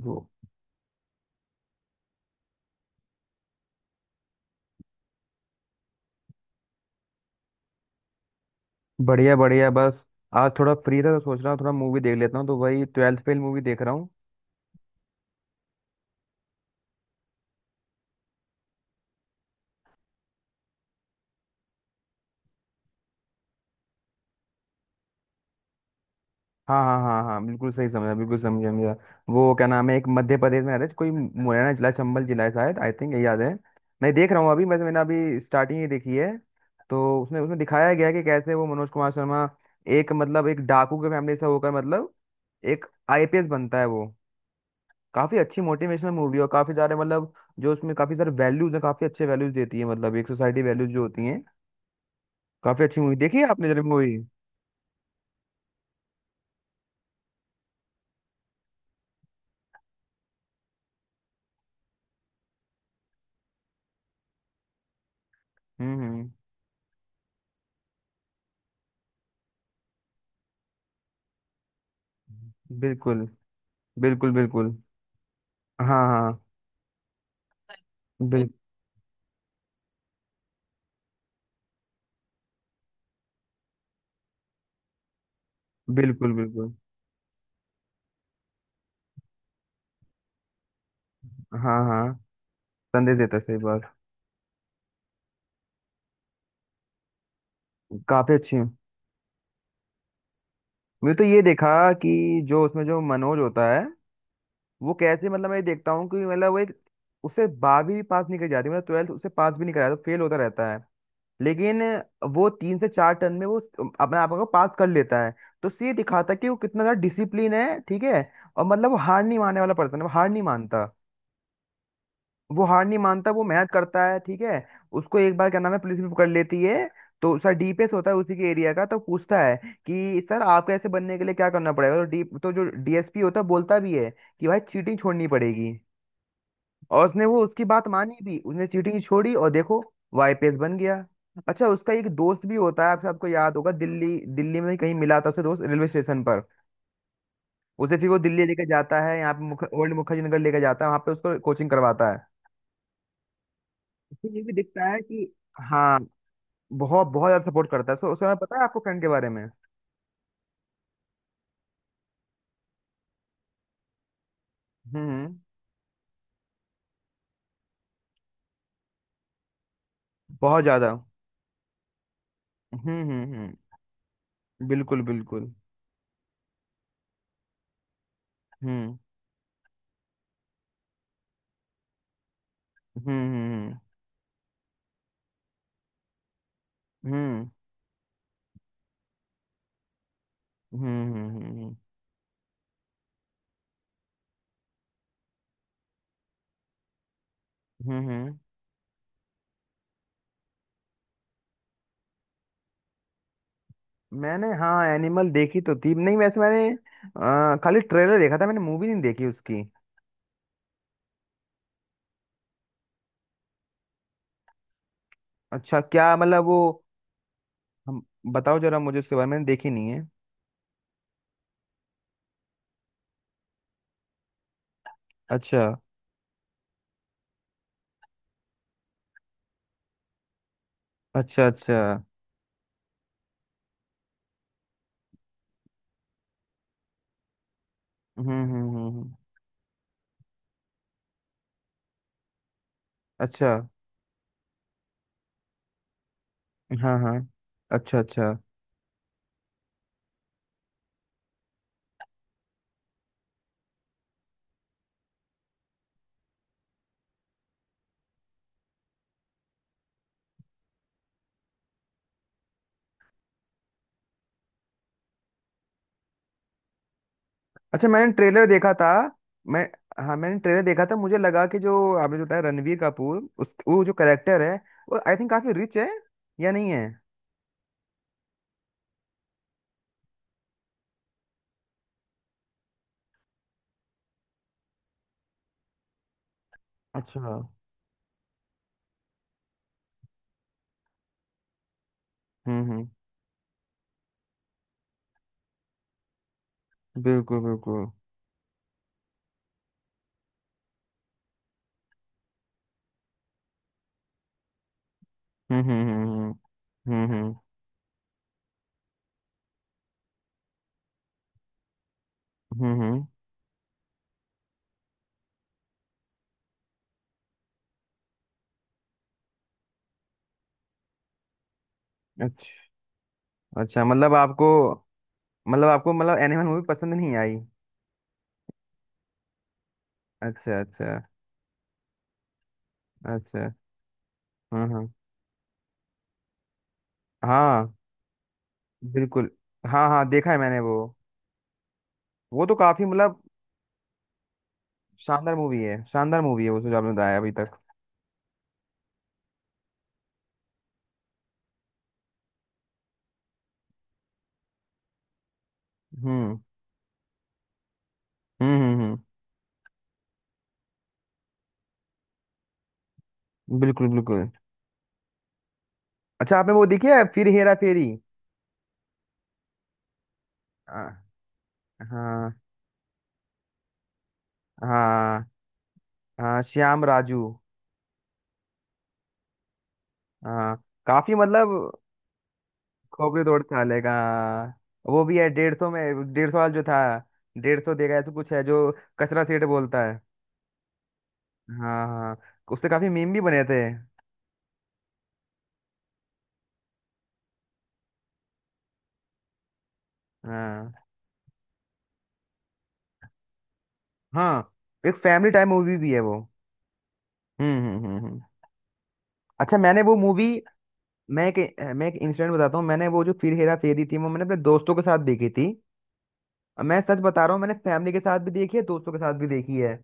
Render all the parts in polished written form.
वो बढ़िया बढ़िया बस, आज थोड़ा फ्री था तो सोच रहा हूँ थोड़ा मूवी देख लेता हूँ, तो वही ट्वेल्थ फेल मूवी देख रहा हूँ। हाँ हाँ हाँ हाँ, बिल्कुल सही समझा, बिल्कुल समझा समझा। वो क्या नाम है, एक मध्य प्रदेश में आ रहा है, कोई मुरैना जिला चंबल जिला है शायद, आई थिंक यही याद है। मैं देख रहा हूँ अभी, बस मैंने अभी स्टार्टिंग ही देखी है। तो उसमें उसमें दिखाया गया है कि कैसे वो मनोज कुमार शर्मा, एक मतलब एक डाकू के फैमिली से होकर मतलब एक आईपीएस बनता है वो। काफी अच्छी मोटिवेशनल मूवी है, और काफी सारे मतलब जो उसमें काफी सारे वैल्यूज है, काफी अच्छे वैल्यूज देती है, मतलब एक सोसाइटी वैल्यूज जो होती हैं। काफी अच्छी मूवी देखी है आपने, जरा मूवी। हम्म। बिल्कुल बिल्कुल बिल्कुल। हाँ हाँ। बिल, बिल्कुल बिल्कुल। हाँ हाँ। संदेश देता है, सही बात। काफी अच्छी है। मैं तो ये देखा कि जो उसमें जो मनोज होता है वो कैसे, मतलब मैं ये देखता हूँ कि मतलब वो एक, उससे 12वीं भी पास नहीं कर जाती, मतलब ट्वेल्थ उससे पास भी नहीं कराया तो फेल होता रहता है। लेकिन वो 3 से 4 टर्न में वो अपने आप को पास कर लेता है। तो उससे ये दिखाता है कि वो कितना ज्यादा डिसिप्लिन है, ठीक है। और मतलब वो हार नहीं मानने वाला पर्सन है, वो हार नहीं मानता, वो हार नहीं मानता, वो मेहनत करता है, ठीक है। उसको एक बार क्या नाम है पुलिस भी पकड़ लेती है, तो सर डीपीएस होता है उसी के एरिया का, तो पूछता है कि सर आपको ऐसे बनने के लिए क्या करना पड़ेगा, तो डी तो जो डीएसपी होता है बोलता भी है कि भाई चीटिंग छोड़नी पड़ेगी। और उसने वो उसकी बात मानी भी, उसने चीटिंग छोड़ी और देखो वो आईपीएस बन गया। अच्छा उसका एक दोस्त भी होता है, आप सबको याद होगा, दिल्ली दिल्ली में कहीं मिला था उसे दोस्त रेलवे स्टेशन पर। उसे फिर वो दिल्ली लेके जाता है, यहाँ पे ओल्ड मुखर्जी नगर लेके जाता है, वहाँ पे उसको कोचिंग करवाता है। ये भी दिखता है कि हाँ बहुत बहुत ज्यादा सपोर्ट करता है, सो उस समय पता है आपको फ्रेंड के बारे में। हम्म। बहुत ज्यादा। हम्म। बिल्कुल बिल्कुल। हम्म हम्म हम्म हम्म हम्म हम्म हम्म हम्म, हम्म, हम्म। मैंने हाँ एनिमल देखी तो थी नहीं, वैसे मैंने खाली ट्रेलर देखा था, मैंने मूवी नहीं देखी उसकी। अच्छा क्या मतलब वो। हम। बताओ जरा मुझे उसके बारे में, मैंने देखी नहीं है। अच्छा अच्छा। अच्छा। हम्म हम्म हम्म हम्म। अच्छा। हाँ हाँ। अच्छा अच्छा। अच्छा मैंने ट्रेलर देखा था मैं, हाँ मैंने ट्रेलर देखा था, मुझे लगा कि जो आपने जो बताया रणवीर कपूर उस वो जो करेक्टर है, वो आई थिंक काफी रिच है या नहीं है। अच्छा। हम्म। बिल्कुल बिल्कुल। हम्म हम्म हम्म हम्म हम्म हम्म। अच्छा अच्छा मतलब आपको, मतलब आपको मतलब एनिमल मूवी पसंद नहीं आई। अच्छा अच्छा। अच्छा। हाँ हाँ। हाँ बिल्कुल। हाँ हाँ देखा है मैंने वो। वो तो काफी मतलब शानदार मूवी है, शानदार मूवी है वो जो आपने बताया अभी तक। हम्म हम्म हम्म हम्म, बिल्कुल बिल्कुल। अच्छा आपने वो देखी है फिर हेरा फेरी। आ, हाँ हाँ हाँ, श्याम राजू हाँ। काफी मतलब खोपड़ी तोड़ के डालेगा। वो भी है 150 में 150 वाला जो था। 150 देगा ऐसा कुछ है जो, कचरा सेठ बोलता है। हाँ हाँ। उससे काफी मीम भी बने थे। हाँ हाँ। एक फैमिली टाइम मूवी भी है वो। हम्म हम्म हम्म हम्म। अच्छा मैंने वो मूवी, मैं एक मैं एक इंसिडेंट बताता हूँ, मैंने वो जो फिर हेरा फेरी थी वो मैंने अपने दोस्तों के साथ देखी थी। मैं सच बता रहा हूँ, मैंने फैमिली के साथ भी देखी है दोस्तों के साथ भी देखी है।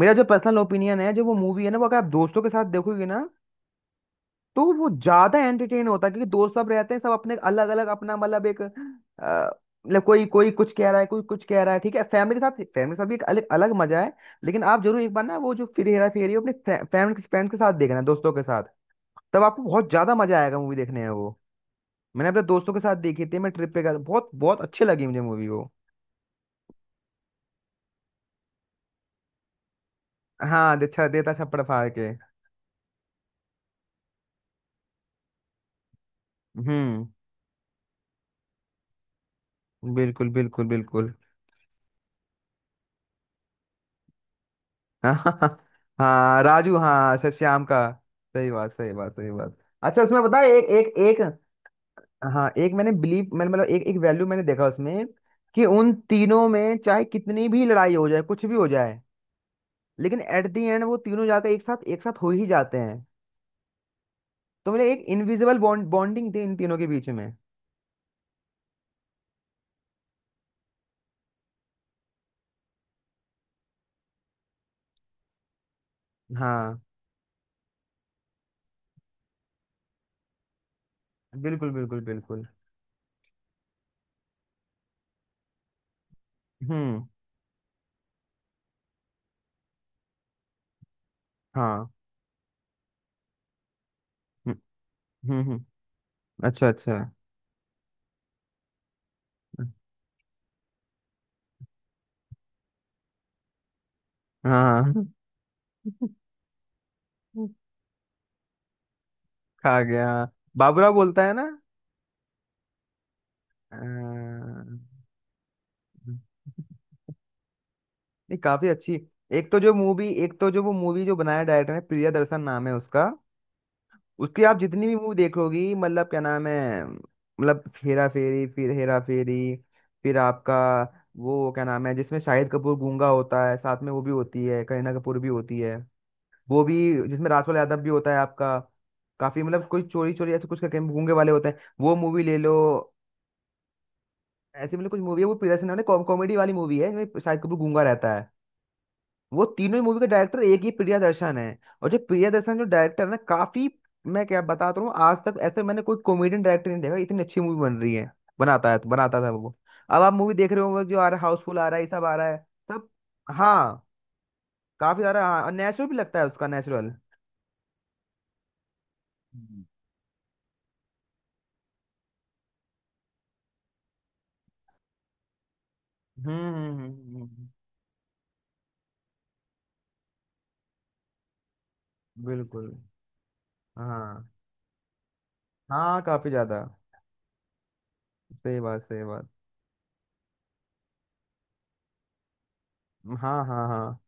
मेरा जो पर्सनल ओपिनियन है, जो वो मूवी है ना वो अगर आप दोस्तों के साथ देखोगे ना, तो वो ज्यादा एंटरटेन होता है, क्योंकि दोस्त सब रहते हैं सब अपने अलग अलग अपना मतलब मतलब कोई कोई कुछ कह रहा है कोई कुछ कह रहा है, ठीक है। फैमिली के साथ, फैमिली के साथ भी एक अलग अलग मजा है। लेकिन आप जरूर एक बार ना वो जो फिर हेरा फेरी है, अपने फैमिली फ्रेंड्स के साथ देखना, दोस्तों के साथ, तब आपको बहुत ज्यादा मजा आएगा मूवी देखने में वो। मैंने अपने दोस्तों के साथ देखी थी, मैं ट्रिप पे गया था। बहुत बहुत अच्छी लगी मुझे मूवी वो। हाँ अच्छा, देता छप्पड़ फाड़ के। हम्म। बिल्कुल बिल्कुल बिल्कुल। हाँ। हाँ राजू हाँ, अच्छा श्याम का। सही बात सही बात सही बात। अच्छा उसमें पता है एक एक एक, हाँ एक मैंने बिलीव, मैंने मतलब एक एक वैल्यू मैंने देखा उसमें कि उन तीनों में चाहे कितनी भी लड़ाई हो जाए कुछ भी हो जाए, लेकिन एट द एंड वो तीनों जाकर एक साथ हो ही जाते हैं। तो मेरे एक इनविजिबल बॉन्ड बॉन्डिंग थी इन तीनों के बीच में। हाँ बिल्कुल बिल्कुल बिल्कुल। हम्म। हाँ। हम्म हम्म हम्म, अच्छा अच्छा। हाँ। खा गया, बाबूराव बोलता है ना। नहीं। काफी अच्छी, एक तो जो वो मूवी जो बनाया, डायरेक्टर है प्रियदर्शन, नाम है उसका। उसकी आप जितनी भी मूवी देखोगी, मतलब क्या नाम है, मतलब हेरा फेरी, फिर हेरा फेरी, फिर आपका वो क्या नाम है जिसमें शाहिद कपूर गूंगा होता है, साथ में वो भी होती है, करीना कपूर भी होती है वो भी, जिसमें राजपाल यादव भी होता है आपका। काफी मतलब कोई चोरी चोरी ऐसे कुछ करके गूंगे वाले होते हैं, वो मूवी ले लो। ऐसी मतलब कुछ मूवी है, वो प्रियदर्शन है, कॉमेडी वाली मूवी है, इसमें शाहिद कपूर गूंगा रहता है। वो तीनों ही मूवी का डायरेक्टर एक ही प्रियदर्शन है। और जो प्रियदर्शन जो डायरेक्टर है ना काफी, मैं क्या बताता हूँ, आज तक ऐसे मैंने कोई कॉमेडियन डायरेक्टर नहीं देखा, इतनी अच्छी मूवी बन रही है, बनाता है बनाता था वो। अब आप मूवी देख रहे हो जो आ रहा है, हाउसफुल आ रहा है, ये सब आ रहा है सब। हाँ काफी सारा, हाँ नेचुरल भी लगता है उसका नेचुरल। हम्म हम्म, हम्म, हम्म, हम्म, बिल्कुल। हाँ हाँ काफी ज्यादा। सही बात सही बात। हाँ हाँ हाँ।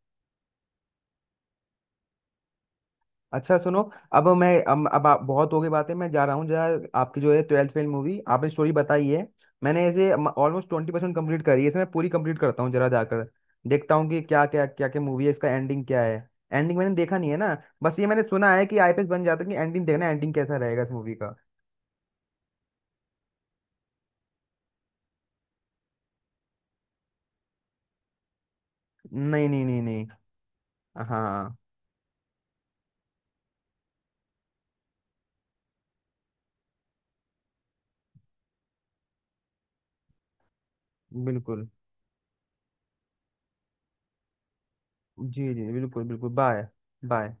अच्छा सुनो, अब आप बहुत हो गई बातें, मैं जा रहा हूँ जरा, आपकी जो है ट्वेल्थ फेल मूवी आपने स्टोरी बताई है, मैंने इसे ऑलमोस्ट 20% कम्प्लीट करी है, इसे मैं पूरी कंप्लीट करता हूँ जरा जाकर, देखता हूँ कि क्या क्या क्या क्या मूवी है इसका एंडिंग क्या है। एंडिंग मैंने देखा नहीं है ना, बस ये मैंने सुना है कि आईपीएस बन जाता है, कि एंडिंग देखना एंडिंग कैसा रहेगा इस मूवी का। नहीं नहीं नहीं नहीं। हाँ बिल्कुल। जी जी बिल्कुल बिल्कुल बाय। बाय।